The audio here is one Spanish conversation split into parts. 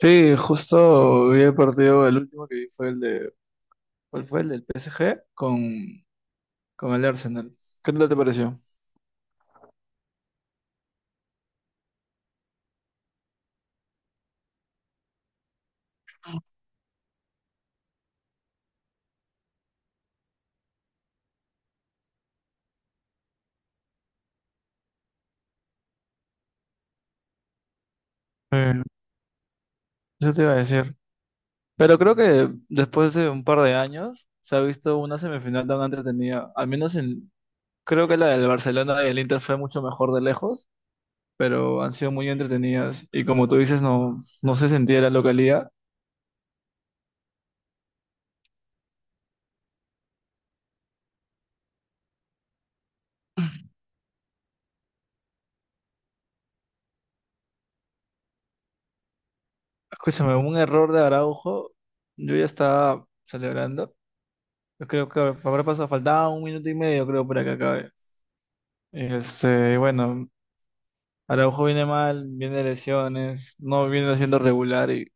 Sí, justo vi el partido, el último que vi fue el de, ¿cuál fue? El del PSG con el Arsenal. ¿Qué tal te pareció? Eh, Eso te iba a decir. Pero creo que después de un par de años se ha visto una semifinal tan entretenida. Al menos en, creo que la del Barcelona y el Inter fue mucho mejor de lejos, pero han sido muy entretenidas. Y como tú dices, no, no se sentía la localidad. Escúchame, un error de Araujo, yo ya estaba celebrando. Yo creo que habrá pasado, faltaba un minuto y medio, creo, para que acabe. Bueno, Araujo viene mal, viene de lesiones, no viene siendo regular y,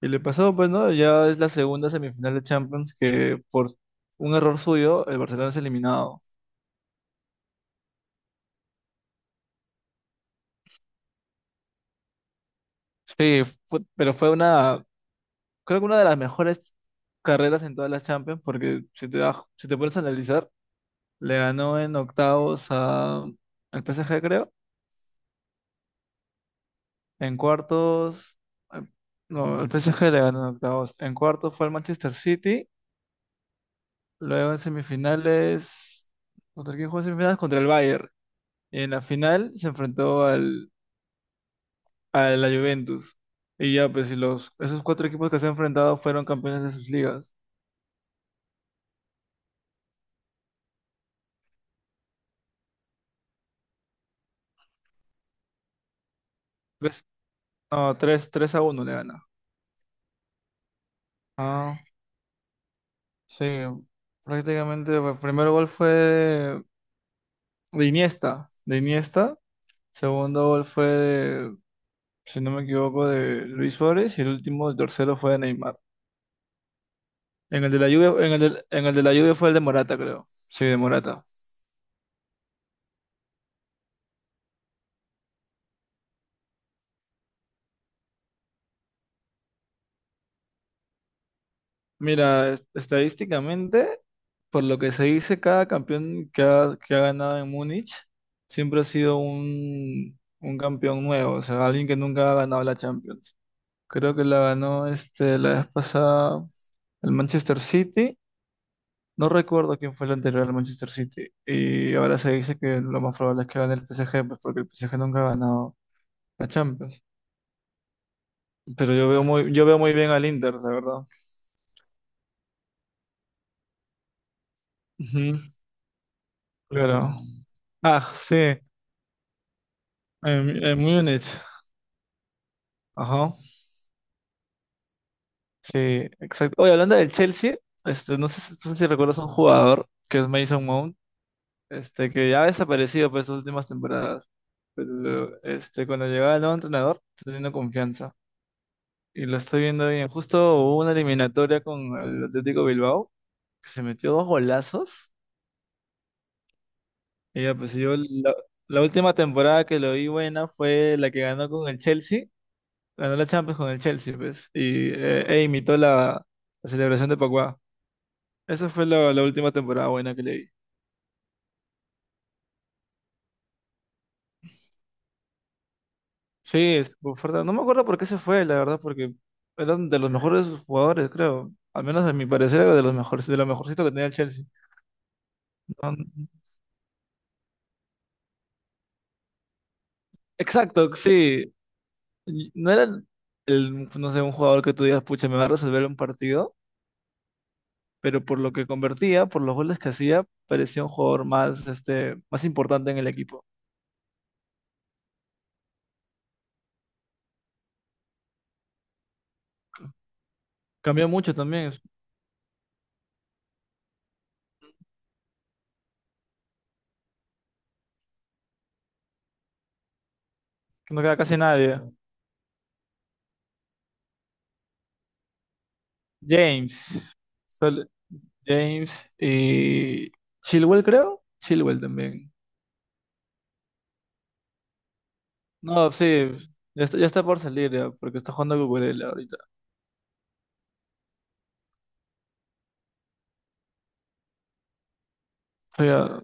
y le pasó, pues, ¿no? Ya es la segunda semifinal de Champions que por un error suyo el Barcelona es eliminado. Sí, pero fue una, creo que una de las mejores carreras en todas las Champions porque si te pones a analizar, le ganó en octavos al PSG, creo. En cuartos, eh, no, el PSG le ganó en octavos. En cuartos fue el Manchester City. Luego en semifinales, ¿contra quién jugó en semifinales? Contra el Bayern. Y en la final se enfrentó al, a la Juventus. Y ya, pues, esos cuatro equipos que se han enfrentado fueron campeones de sus ligas. Tres, no, 3 3 a uno le gana. Ah, sí, prácticamente el primer gol fue de Iniesta, de Iniesta, segundo gol fue de, si no me equivoco, de Luis Suárez y el último, el tercero fue de Neymar. En el de la lluvia, en el de la lluvia fue el de Morata, creo. Sí, de Morata. Mira, estadísticamente, por lo que se dice, cada campeón que ha ganado en Múnich siempre ha sido un campeón nuevo, o sea, alguien que nunca ha ganado la Champions. Creo que la ganó la vez pasada el Manchester City. No recuerdo quién fue el anterior al Manchester City. Y ahora se dice que lo más probable es que gane el PSG, pues porque el PSG nunca ha ganado la Champions. Pero yo veo muy bien al Inter, la verdad. Ujú, claro. Ah, sí. En Múnich. Ajá. Sí, exacto. Oye, hablando del Chelsea, no sé si recuerdas un jugador que es Mason Mount, que ya ha desaparecido por estas últimas temporadas. Pero cuando llegaba el nuevo entrenador, está teniendo confianza. Y lo estoy viendo bien. Justo hubo una eliminatoria con el Atlético Bilbao, que se metió dos golazos. Y ya, pues yo la última temporada que lo vi buena fue la que ganó con el Chelsea. Ganó la Champions con el Chelsea, pues. Y e imitó la celebración de Pacuá. Esa fue la última temporada buena que le vi. Sí, es por fuerte. No me acuerdo por qué se fue, la verdad, porque eran de los mejores jugadores, creo. Al menos a mi parecer era de los mejores, de lo mejorcito que tenía el Chelsea. No- exacto, sí. Y no era el, no sé, un jugador que tú digas, pucha, me va a resolver un partido, pero por lo que convertía, por los goles que hacía, parecía un jugador más, más importante en el equipo. Cambió mucho también, no queda casi nadie. James, sol- James y Chilwell, creo. Chilwell también. No, sí, ya está por salir, ya, porque está jugando Cucurella ahorita. O sea,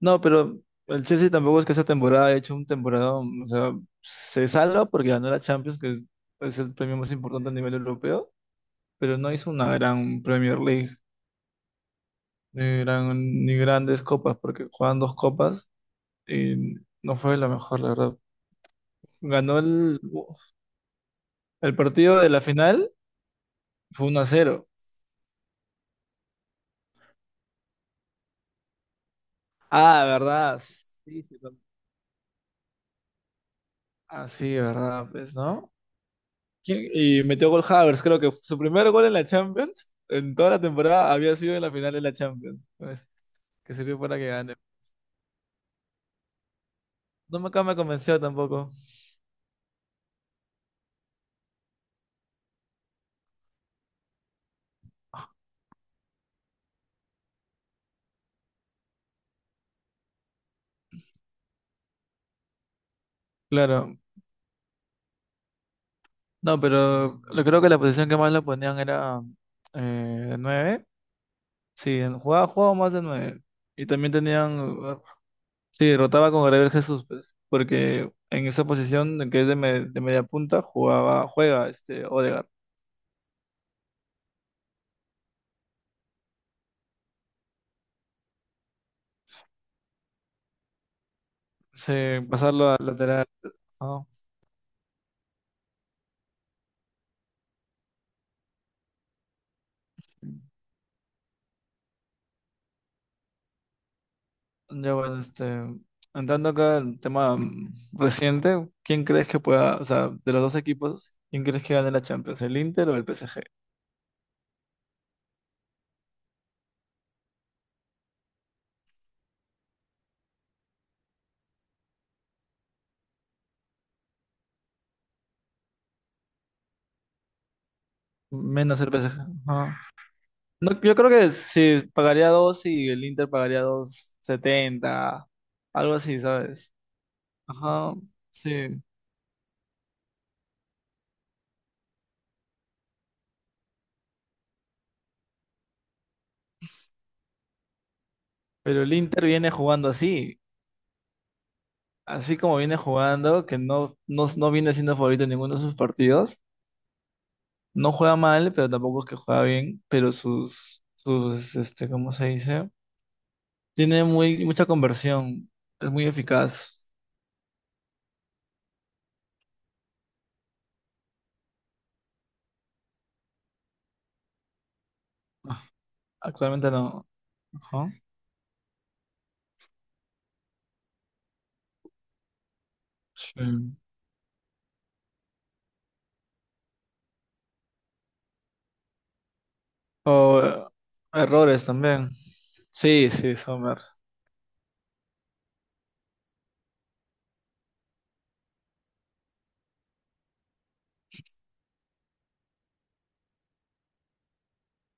no, pero el Chelsea tampoco es que esta temporada haya hecho un temporada, o sea, se salva porque ganó la Champions, que es pues, el premio más importante a nivel europeo, pero no hizo una gran Premier League, ni, ni grandes copas, porque juegan dos copas y no fue la mejor, la verdad. Ganó el partido de la final, fue 1-0. Ah, ¿verdad? Sí, sí, ah, sí, ¿verdad? Pues, ¿no? ¿Quién? Y metió gol Havers, creo que su primer gol en la Champions, en toda la temporada, había sido en la final de la Champions, pues, que sirvió para que gane. No me, acá me convenció tampoco. Claro, no, pero creo que la posición que más lo ponían era 9. Sí, jugaba más de nueve. Y también tenían, sí, rotaba con Gabriel Jesús, pues, porque en esa posición que es de media punta, jugaba, juega Odegaard. Sí, pasarlo al lateral. Ya bueno, entrando acá el tema reciente, ¿quién crees que pueda, o sea, de los dos equipos? ¿Quién crees que gane la Champions? ¿El Inter o el PSG? Menos el PSG. Ajá. No, yo creo que si pagaría dos y el Inter pagaría dos setenta algo así, ¿sabes? Ajá, sí. Pero el Inter viene jugando así, así como viene jugando, que no viene siendo favorito en ninguno de sus partidos. No juega mal, pero tampoco es que juega bien, pero sus, ¿cómo se dice? Tiene mucha conversión, es muy eficaz. Ah, actualmente no. Ajá. Sí. O errores también. Sí, sí, Sommer.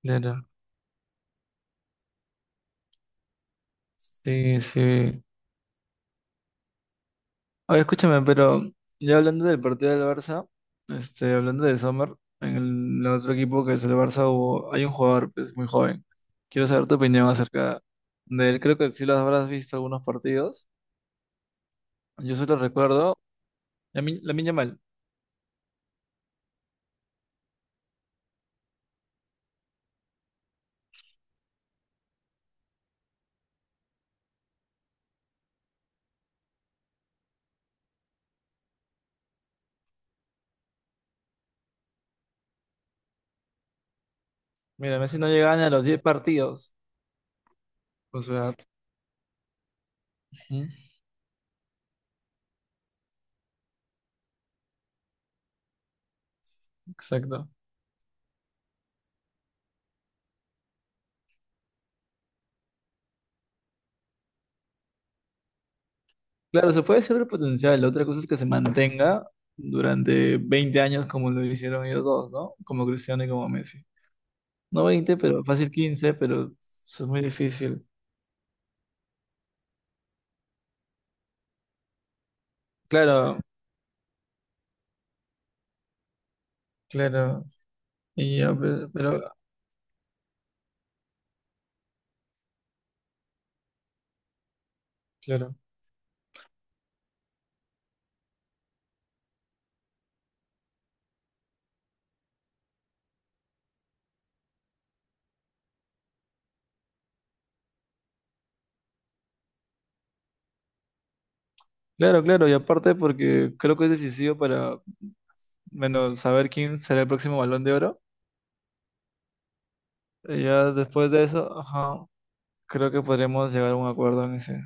Claro. Sí, sí. Oye, escúchame, pero ya hablando del partido del Barça, hablando de Sommer, en el otro equipo que es el Barça hubo, hay un jugador pues, muy joven. Quiero saber tu opinión acerca de él. Creo que sí lo habrás visto algunos partidos. Yo solo recuerdo la Lamine mal. Mira, Messi no llegaba ni a los 10 partidos. O sea, ujú, exacto. Claro, se puede decir el potencial. La otra cosa es que se mantenga durante 20 años como lo hicieron ellos dos, ¿no? Como Cristiano y como Messi. No 20 pero fácil 15 pero eso es muy difícil. Claro, claro. Y ya, pues, pero, claro. Claro, claro. Y aparte porque creo que es decisivo para, bueno, saber quién será el próximo Balón de Oro. Y ya después de eso, ajá, creo que podremos llegar a un acuerdo en ese.